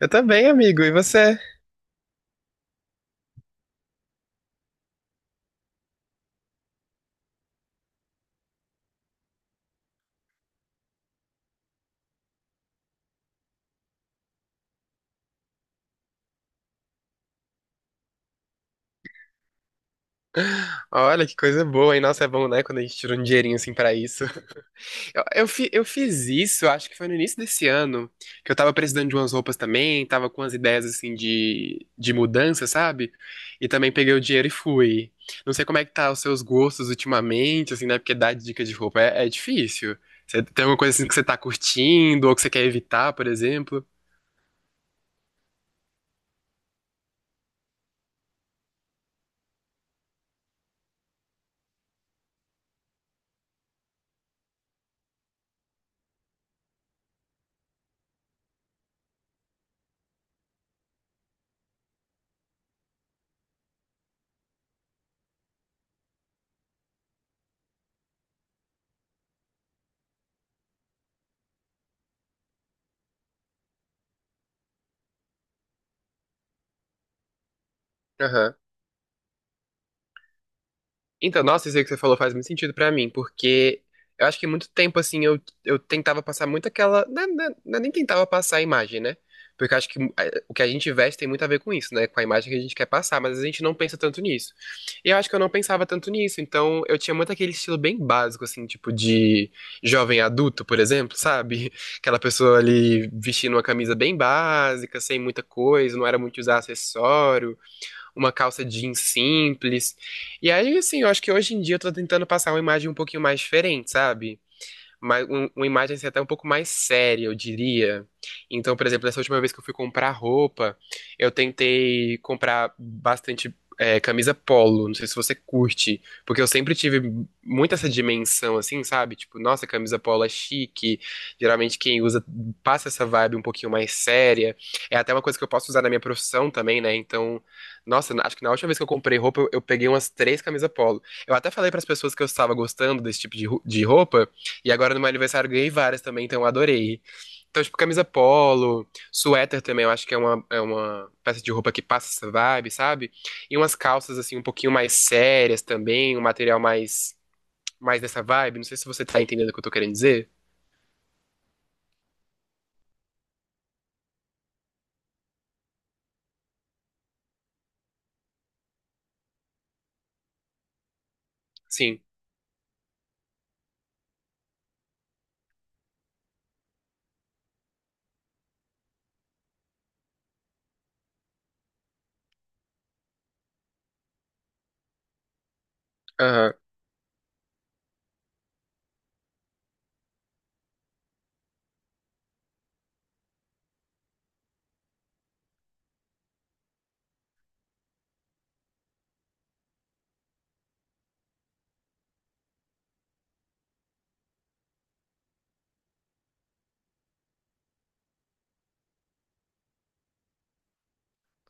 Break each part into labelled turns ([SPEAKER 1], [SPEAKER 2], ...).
[SPEAKER 1] Eu também, amigo. E você? Olha, que coisa boa, hein? Nossa, é bom, né? Quando a gente tira um dinheirinho assim pra isso. Eu fiz isso, acho que foi no início desse ano, que eu tava precisando de umas roupas também, tava com umas ideias assim de mudança, sabe? E também peguei o dinheiro e fui. Não sei como é que tá os seus gostos ultimamente, assim, né? Porque dar dica de roupa é difícil. Você tem alguma coisa assim que você tá curtindo ou que você quer evitar, por exemplo? Então, nossa, isso aí que você falou faz muito sentido pra mim, porque eu acho que muito tempo, assim, eu tentava passar muito aquela. Não, não é nem tentava passar a imagem, né? Porque eu acho que o que a gente veste tem muito a ver com isso, né? Com a imagem que a gente quer passar, mas a gente não pensa tanto nisso. E eu acho que eu não pensava tanto nisso, então eu tinha muito aquele estilo bem básico, assim, tipo de jovem adulto, por exemplo, sabe? Aquela pessoa ali vestindo uma camisa bem básica, sem muita coisa, não era muito usar acessório, uma calça jeans simples. E aí, assim, eu acho que hoje em dia eu tô tentando passar uma imagem um pouquinho mais diferente, sabe? Mas uma imagem assim, até um pouco mais séria, eu diria. Então, por exemplo, essa última vez que eu fui comprar roupa, eu tentei comprar bastante camisa polo. Não sei se você curte, porque eu sempre tive muito essa dimensão, assim, sabe? Tipo, nossa, camisa polo é chique. Geralmente quem usa passa essa vibe um pouquinho mais séria. É até uma coisa que eu posso usar na minha profissão também, né? Então, nossa, acho que na última vez que eu comprei roupa, eu peguei umas três camisas polo. Eu até falei para as pessoas que eu estava gostando desse tipo de roupa. E agora no meu aniversário eu ganhei várias também, então eu adorei. Então, tipo, camisa polo, suéter também, eu acho que é uma peça de roupa que passa essa vibe, sabe? E umas calças, assim, um pouquinho mais sérias também, um material mais dessa vibe. Não sei se você tá entendendo o que eu tô querendo dizer. Sim. Aham,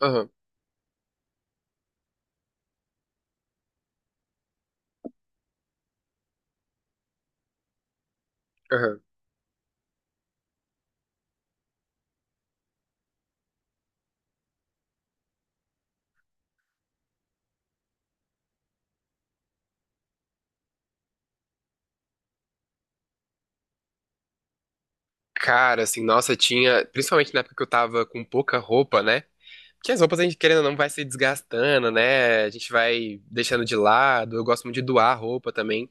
[SPEAKER 1] aham, aham. Cara, assim, nossa, tinha. Principalmente na época que eu tava com pouca roupa, né? Porque as roupas a gente, querendo ou não, vai se desgastando, né? A gente vai deixando de lado. Eu gosto muito de doar roupa também.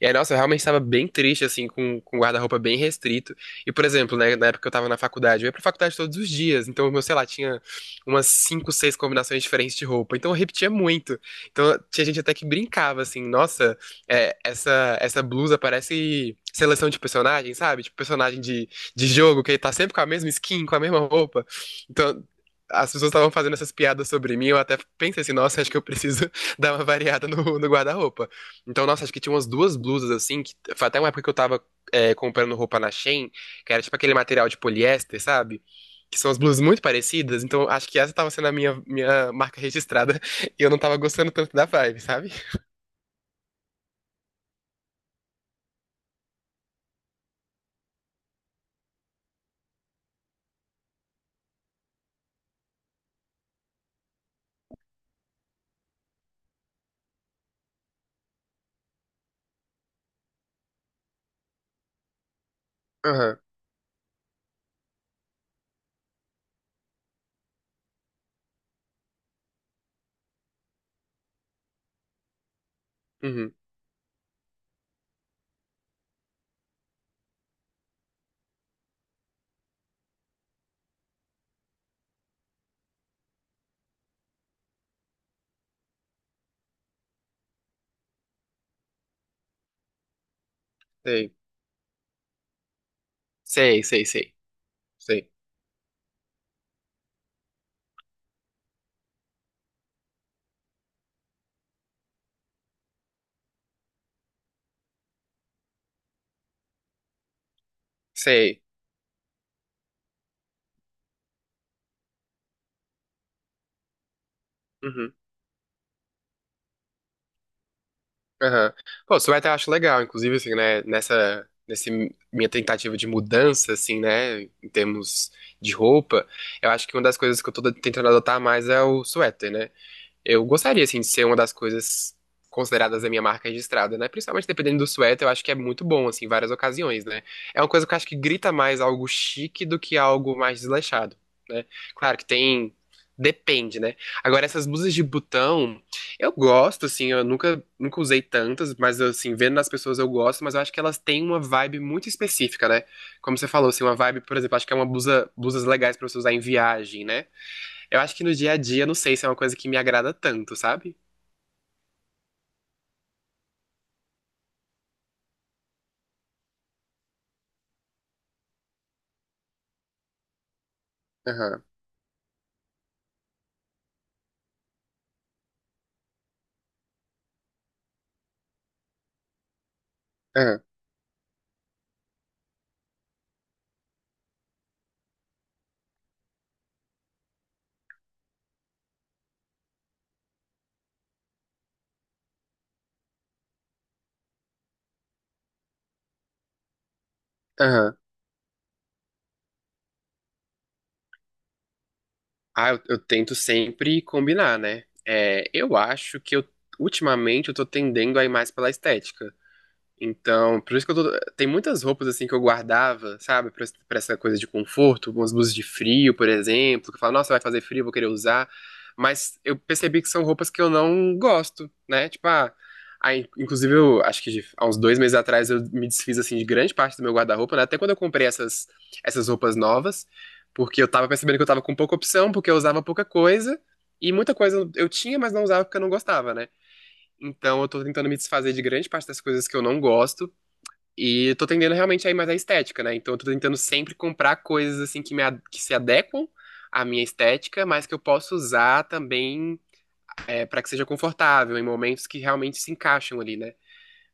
[SPEAKER 1] E aí, nossa, eu realmente estava bem triste, assim, com o guarda-roupa bem restrito. E, por exemplo, né, na época que eu tava na faculdade, eu ia pra faculdade todos os dias. Então, eu, sei lá, tinha umas cinco, seis combinações diferentes de roupa. Então, eu repetia muito. Então, tinha gente até que brincava, assim, nossa, essa blusa parece seleção de personagem, sabe? Tipo, personagem de jogo, que ele tá sempre com a mesma skin, com a mesma roupa. Então, as pessoas estavam fazendo essas piadas sobre mim, eu até pensei assim, nossa, acho que eu preciso dar uma variada no guarda-roupa. Então, nossa, acho que tinha umas duas blusas assim, que foi até uma época que eu tava comprando roupa na Shein, que era tipo aquele material de poliéster, sabe? Que são as blusas muito parecidas, então acho que essa tava sendo a minha marca registrada e eu não tava gostando tanto da vibe, sabe? Aham, uhum, sei. Sei, sei, sei, sei, sei. Uhum, aham. Pô, suéter eu acho legal, inclusive, assim, né, nessa minha tentativa de mudança, assim, né, em termos de roupa, eu acho que uma das coisas que eu tô tentando adotar mais é o suéter, né? Eu gostaria, assim, de ser uma das coisas consideradas a minha marca registrada, né? Principalmente dependendo do suéter, eu acho que é muito bom, assim, em várias ocasiões, né? É uma coisa que eu acho que grita mais algo chique do que algo mais desleixado, né? Claro que tem. Depende, né? Agora, essas blusas de botão, eu gosto, assim, eu nunca, nunca usei tantas, mas, assim, vendo nas pessoas eu gosto, mas eu acho que elas têm uma vibe muito específica, né? Como você falou, assim, uma vibe, por exemplo, acho que é uma blusa, blusas legais pra você usar em viagem, né? Eu acho que no dia a dia, não sei se é uma coisa que me agrada tanto, sabe? Aham, aham, aham. Ah, eu tento sempre combinar, né? É, eu acho que eu, ultimamente, eu tô tendendo a ir mais pela estética. Então, por isso que eu tô... Tem muitas roupas, assim, que eu guardava, sabe? Pra essa coisa de conforto, umas blusas de frio, por exemplo, que eu falo, nossa, vai fazer frio, vou querer usar. Mas eu percebi que são roupas que eu não gosto, né? Tipo, ah, aí, inclusive, eu acho que há uns 2 meses atrás eu me desfiz, assim, de grande parte do meu guarda-roupa, né? Até quando eu comprei essas roupas novas, porque eu tava percebendo que eu tava com pouca opção, porque eu usava pouca coisa, e muita coisa eu tinha, mas não usava porque eu não gostava, né? Então, eu tô tentando me desfazer de grande parte das coisas que eu não gosto e tô tendendo realmente aí mais à estética, né? Então eu tô tentando sempre comprar coisas assim que, que se adequam à minha estética, mas que eu posso usar também, para que seja confortável em momentos que realmente se encaixam ali, né?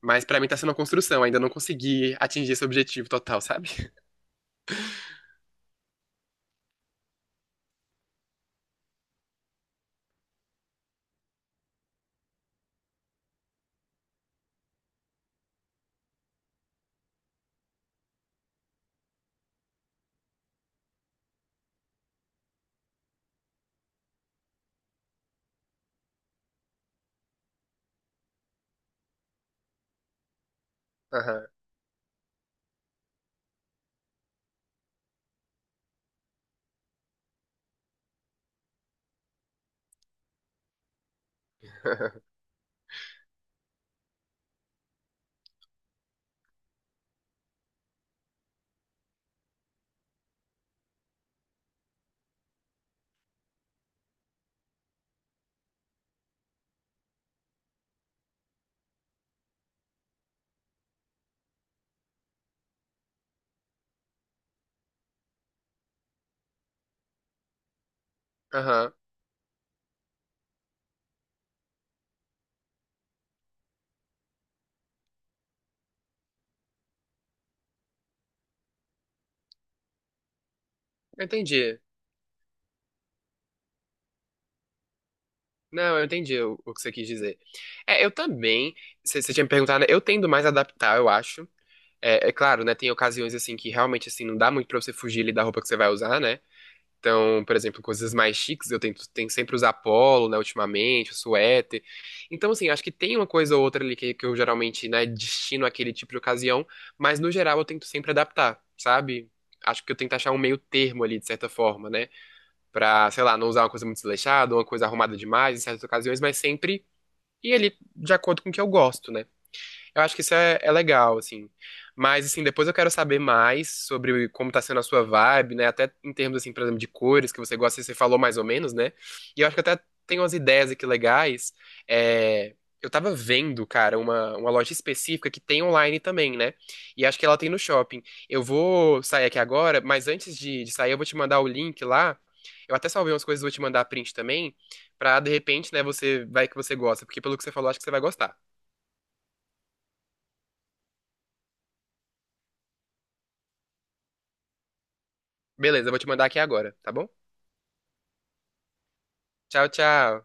[SPEAKER 1] Mas pra mim tá sendo uma construção, ainda não consegui atingir esse objetivo total, sabe? Aham, aham. Eu entendi. Não, eu entendi o que você quis dizer. É, eu também, você tinha me perguntado, né? Eu tendo mais a adaptar, eu acho. É, claro, né? Tem ocasiões assim que realmente assim não dá muito pra você fugir ali da roupa que você vai usar, né? Então, por exemplo, coisas mais chiques, eu tento sempre usar polo, né, ultimamente, suéter. Então, assim, acho que tem uma coisa ou outra ali que eu geralmente, né, destino àquele tipo de ocasião, mas no geral eu tento sempre adaptar, sabe? Acho que eu tento achar um meio termo ali, de certa forma, né? Pra, sei lá, não usar uma coisa muito desleixada, uma coisa arrumada demais em certas ocasiões, mas sempre ir ali de acordo com o que eu gosto, né? Eu acho que isso é legal, assim. Mas, assim, depois eu quero saber mais sobre como tá sendo a sua vibe, né? Até em termos, assim, por exemplo, de cores que você gosta, você falou mais ou menos, né? E eu acho que até tem umas ideias aqui legais. É, eu tava vendo, cara, uma loja específica que tem online também, né? E acho que ela tem no shopping. Eu vou sair aqui agora, mas antes de sair, eu vou te mandar o link lá. Eu até salvei umas coisas, vou te mandar print também, pra de repente, né, você vai que você gosta, porque pelo que você falou, acho que você vai gostar. Beleza, eu vou te mandar aqui agora, tá bom? Tchau, tchau.